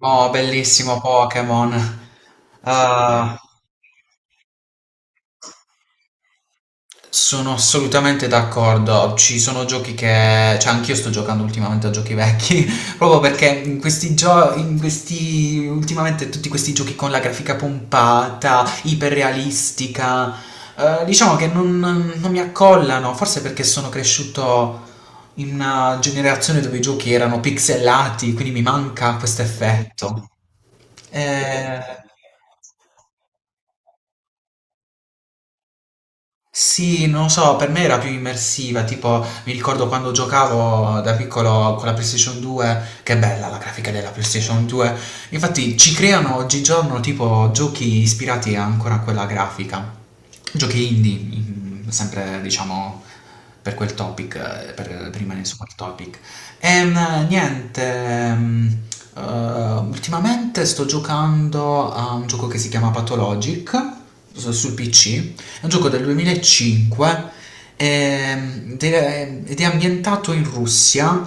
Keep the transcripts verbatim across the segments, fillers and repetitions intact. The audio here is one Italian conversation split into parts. Oh, bellissimo Pokémon. Ah, sono assolutamente d'accordo. Ci sono giochi che... Cioè, anch'io sto giocando ultimamente a giochi vecchi, proprio perché in questi giochi, in questi... ultimamente tutti questi giochi con la grafica pompata, iperrealistica, eh, diciamo che non, non mi accollano, forse perché sono cresciuto in una generazione dove i giochi erano pixelati, quindi mi manca questo effetto. Eh... Sì, non lo so, per me era più immersiva, tipo mi ricordo quando giocavo da piccolo con la PlayStation due, che bella la grafica della PlayStation due, infatti ci creano oggigiorno tipo giochi ispirati ancora a quella grafica, giochi indie, mm, sempre diciamo per quel topic, eh, per, per rimanere su quel topic. Ehm, niente, ehm, eh, ultimamente sto giocando a un gioco che si chiama Pathologic su- sul P C. È un gioco del duemilacinque, ehm, ed è ed è ambientato in Russia,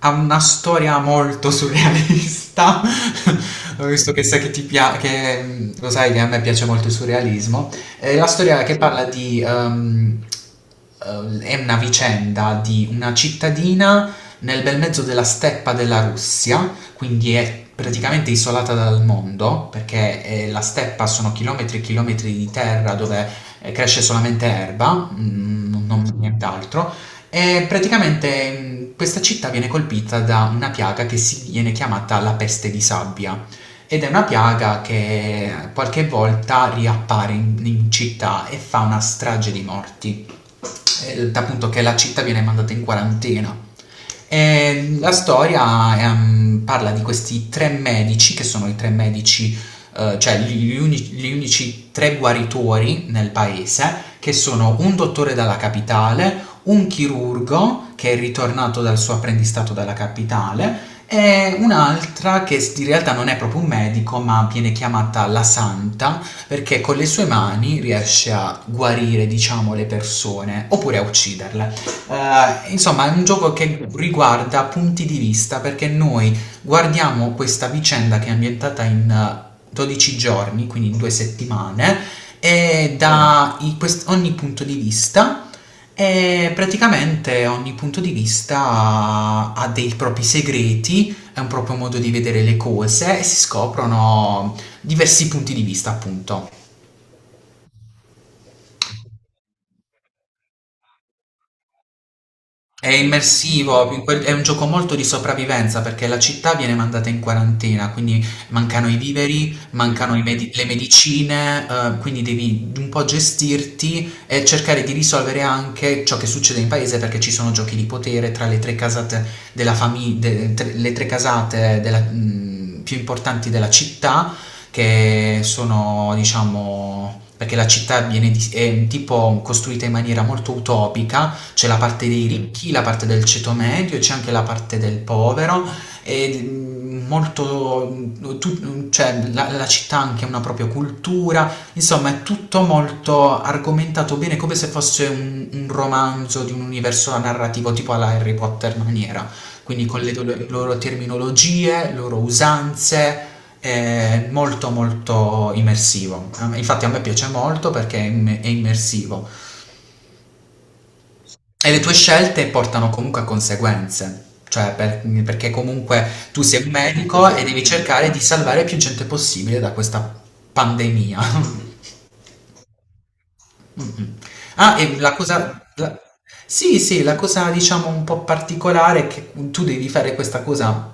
ha una storia molto surrealista, visto che sai che ti piace, che mm, lo sai che a me piace molto il surrealismo. È la storia che parla di... ehm, eh, è una vicenda di una cittadina nel bel mezzo della steppa della Russia, quindi è praticamente isolata dal mondo, perché eh, la steppa sono chilometri e chilometri di terra dove eh, cresce solamente erba, mm, non nient'altro, e praticamente mm, questa città viene colpita da una piaga che si viene chiamata la peste di sabbia. Ed è una piaga che qualche volta riappare in, in città e fa una strage di morti, eh, appunto, che la città viene mandata in quarantena. E la storia, ehm, parla di questi tre medici, che sono i tre medici, eh, cioè gli, gli unici, gli unici tre guaritori nel paese, che sono un dottore dalla capitale, un chirurgo che è ritornato dal suo apprendistato dalla capitale e un'altra che s- in realtà non è proprio un medico, ma viene chiamata la santa, perché con le sue mani riesce a guarire, diciamo, le persone oppure a ucciderle. Eh, insomma, è un gioco che riguarda punti di vista, perché noi guardiamo questa vicenda che è ambientata in eh, dodici giorni, quindi in due settimane, e da i- quest- ogni punto di vista. E praticamente ogni punto di vista ha ha dei propri segreti, è un proprio modo di vedere le cose e si scoprono diversi punti di vista, appunto. È immersivo, in quel è un gioco molto di sopravvivenza perché la città viene mandata in quarantena, quindi mancano i viveri, mancano i medi- le medicine, eh, quindi devi un po' gestirti e cercare di risolvere anche ciò che succede in paese, perché ci sono giochi di potere tra le tre casate della fami- de- tre- le tre casate della- mh, più importanti della città, che sono, diciamo, perché la città viene di- è tipo costruita in maniera molto utopica. C'è la parte dei ricchi, la parte del ceto medio, c'è anche la parte del povero e mh, molto, mm, tu- mm, cioè, la, la città ha anche una propria cultura, insomma è tutto molto argomentato bene, come se fosse un, un romanzo di un universo narrativo tipo alla Harry Potter maniera, quindi con le do- loro terminologie, le loro usanze, è molto molto immersivo. A me- Infatti a me piace molto perché è im- è immersivo. E le tue scelte portano comunque a conseguenze, cioè per- perché comunque tu sei un medico e devi cercare di salvare più gente possibile da questa pandemia. Mhm. Ah, e la cosa... la- Sì, sì, la cosa, diciamo, un po' particolare è che tu devi fare questa cosa,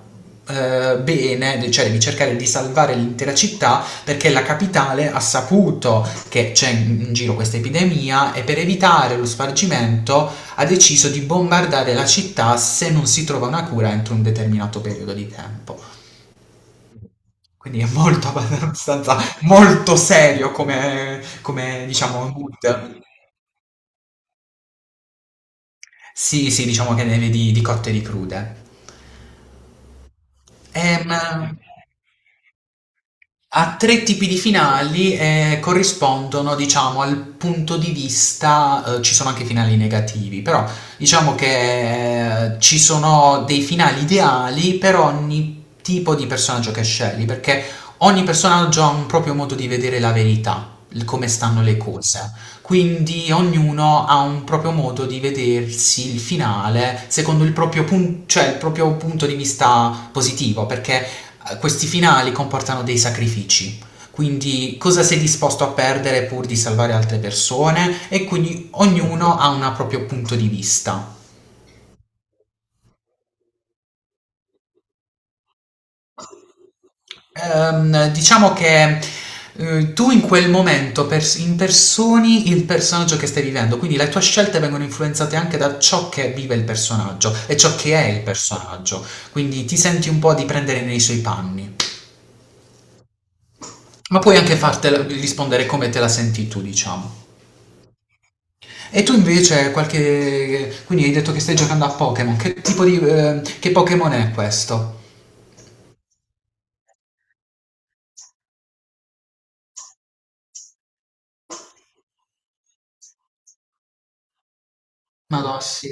eh, bene, cioè devi cercare di salvare l'intera città, perché la capitale ha saputo che c'è in in giro questa epidemia e, per evitare lo spargimento, ha deciso di bombardare la città se non si trova una cura entro un determinato periodo di tempo. Quindi è molto abbastanza molto serio come, come, diciamo, mood. Sì, sì, diciamo che ne vedi di cotte e di crude. Ehm, Ok. Ha tre tipi di finali e corrispondono, diciamo, al punto di vista. Eh, ci sono anche finali negativi, però diciamo che, eh, ci sono dei finali ideali per ogni tipo di personaggio che scegli, perché ogni personaggio ha un proprio modo di vedere la verità, il come stanno le cose. Quindi ognuno ha un proprio modo di vedersi il finale secondo il proprio, pun- cioè il proprio punto di vista positivo, perché eh, questi finali comportano dei sacrifici. Quindi, cosa sei disposto a perdere pur di salvare altre persone? E quindi ognuno ha un proprio punto di vista. Ehm, diciamo che, eh, tu in quel momento pers- impersoni il personaggio che stai vivendo, quindi le tue scelte vengono influenzate anche da ciò che vive il personaggio e ciò che è il personaggio, quindi ti senti un po' di prendere nei suoi panni, ma puoi anche fartela rispondere come te la senti tu, diciamo. E tu invece qualche... quindi hai detto che stai giocando a Pokémon, che tipo di... eh, che Pokémon è questo? Madonna, sì.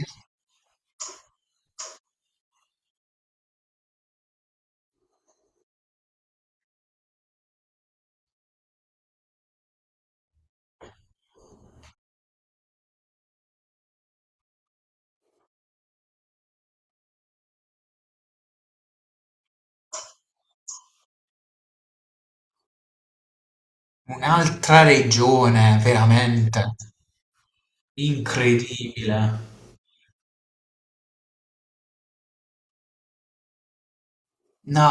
Un'altra regione, veramente. Incredibile. No,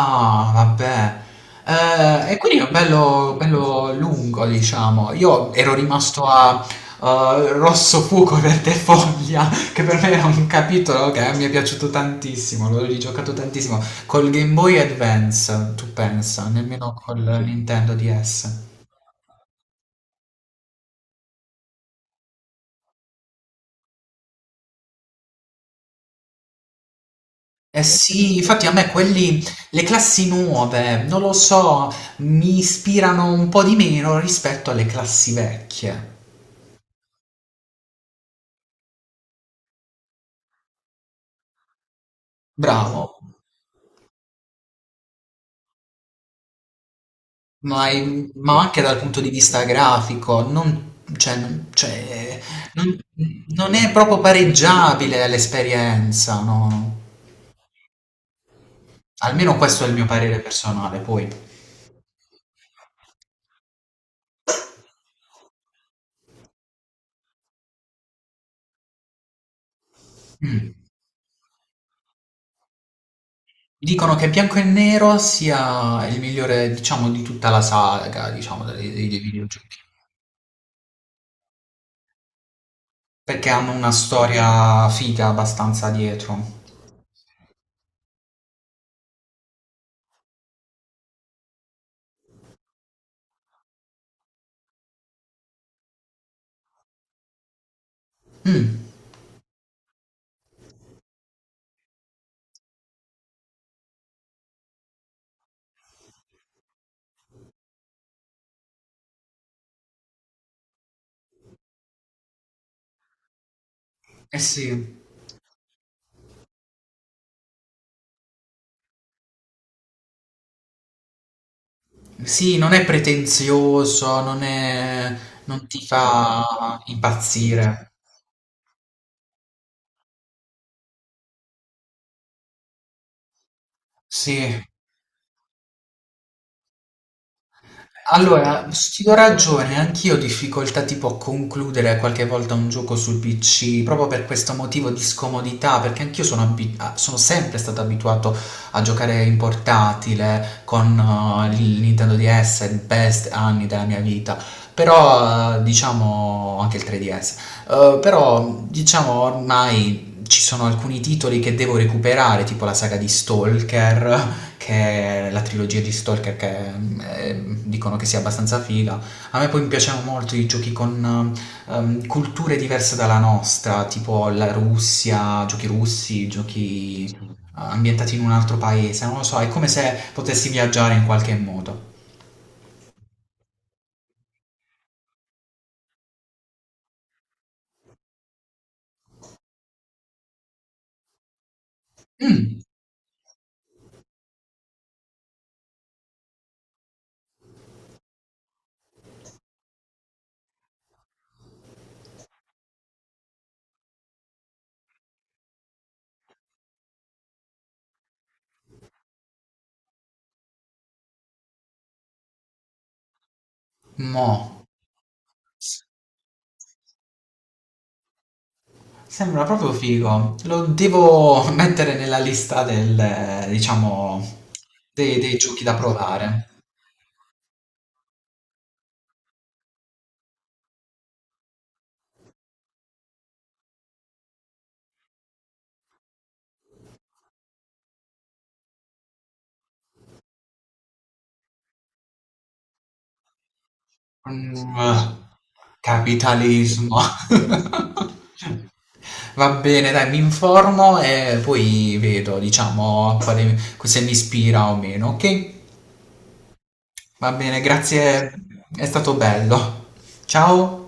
vabbè. Eh, e quindi è bello, bello lungo, diciamo. Io ero rimasto a eh, Rosso Fuoco Verde Foglia, che per me era un capitolo che mi è piaciuto tantissimo, l'ho rigiocato tantissimo. Col Game Boy Advance, tu pensa, nemmeno col, sì, Nintendo D S. Eh sì, infatti a me quelli, le classi nuove, non lo so, mi ispirano un po' di meno rispetto alle classi vecchie. Bravo. Ma, in- ma anche dal punto di vista grafico, non, cioè, non- cioè, non- non è proprio pareggiabile l'esperienza, no? Almeno questo è il mio parere personale, poi. Mm. Dicono che Bianco e Nero sia il migliore, diciamo, di tutta la saga, diciamo, dei, dei- dei videogiochi, perché hanno una storia figa abbastanza dietro. Mm. Eh sì. Sì, non è pretenzioso, non è non ti fa impazzire. Sì. Allora, ti do ragione, anch'io ho difficoltà tipo a concludere qualche volta un gioco sul P C, proprio per questo motivo di scomodità, perché anch'io sono, abi- a- sono sempre stato abituato a giocare in portatile con eh, il Nintendo D S, il best anni della mia vita, però eh, diciamo anche il tre D S. Eh, però diciamo ormai ci sono alcuni titoli che devo recuperare, tipo la saga di Stalker, che è la trilogia di Stalker che, eh, dicono che sia abbastanza figa. A me poi mi piacevano molto i giochi con ehm, culture diverse dalla nostra, tipo la Russia, giochi russi, giochi eh, ambientati in un altro paese, non lo so, è come se potessi viaggiare in qualche modo. Mo, sembra proprio figo. Lo devo mettere nella lista del, eh, diciamo, dei, dei giochi da provare. Mm, eh. Capitalismo. Va bene, dai, mi informo e poi vedo, diciamo, quale- se mi ispira o meno, ok? Va bene, grazie, è stato bello. Ciao.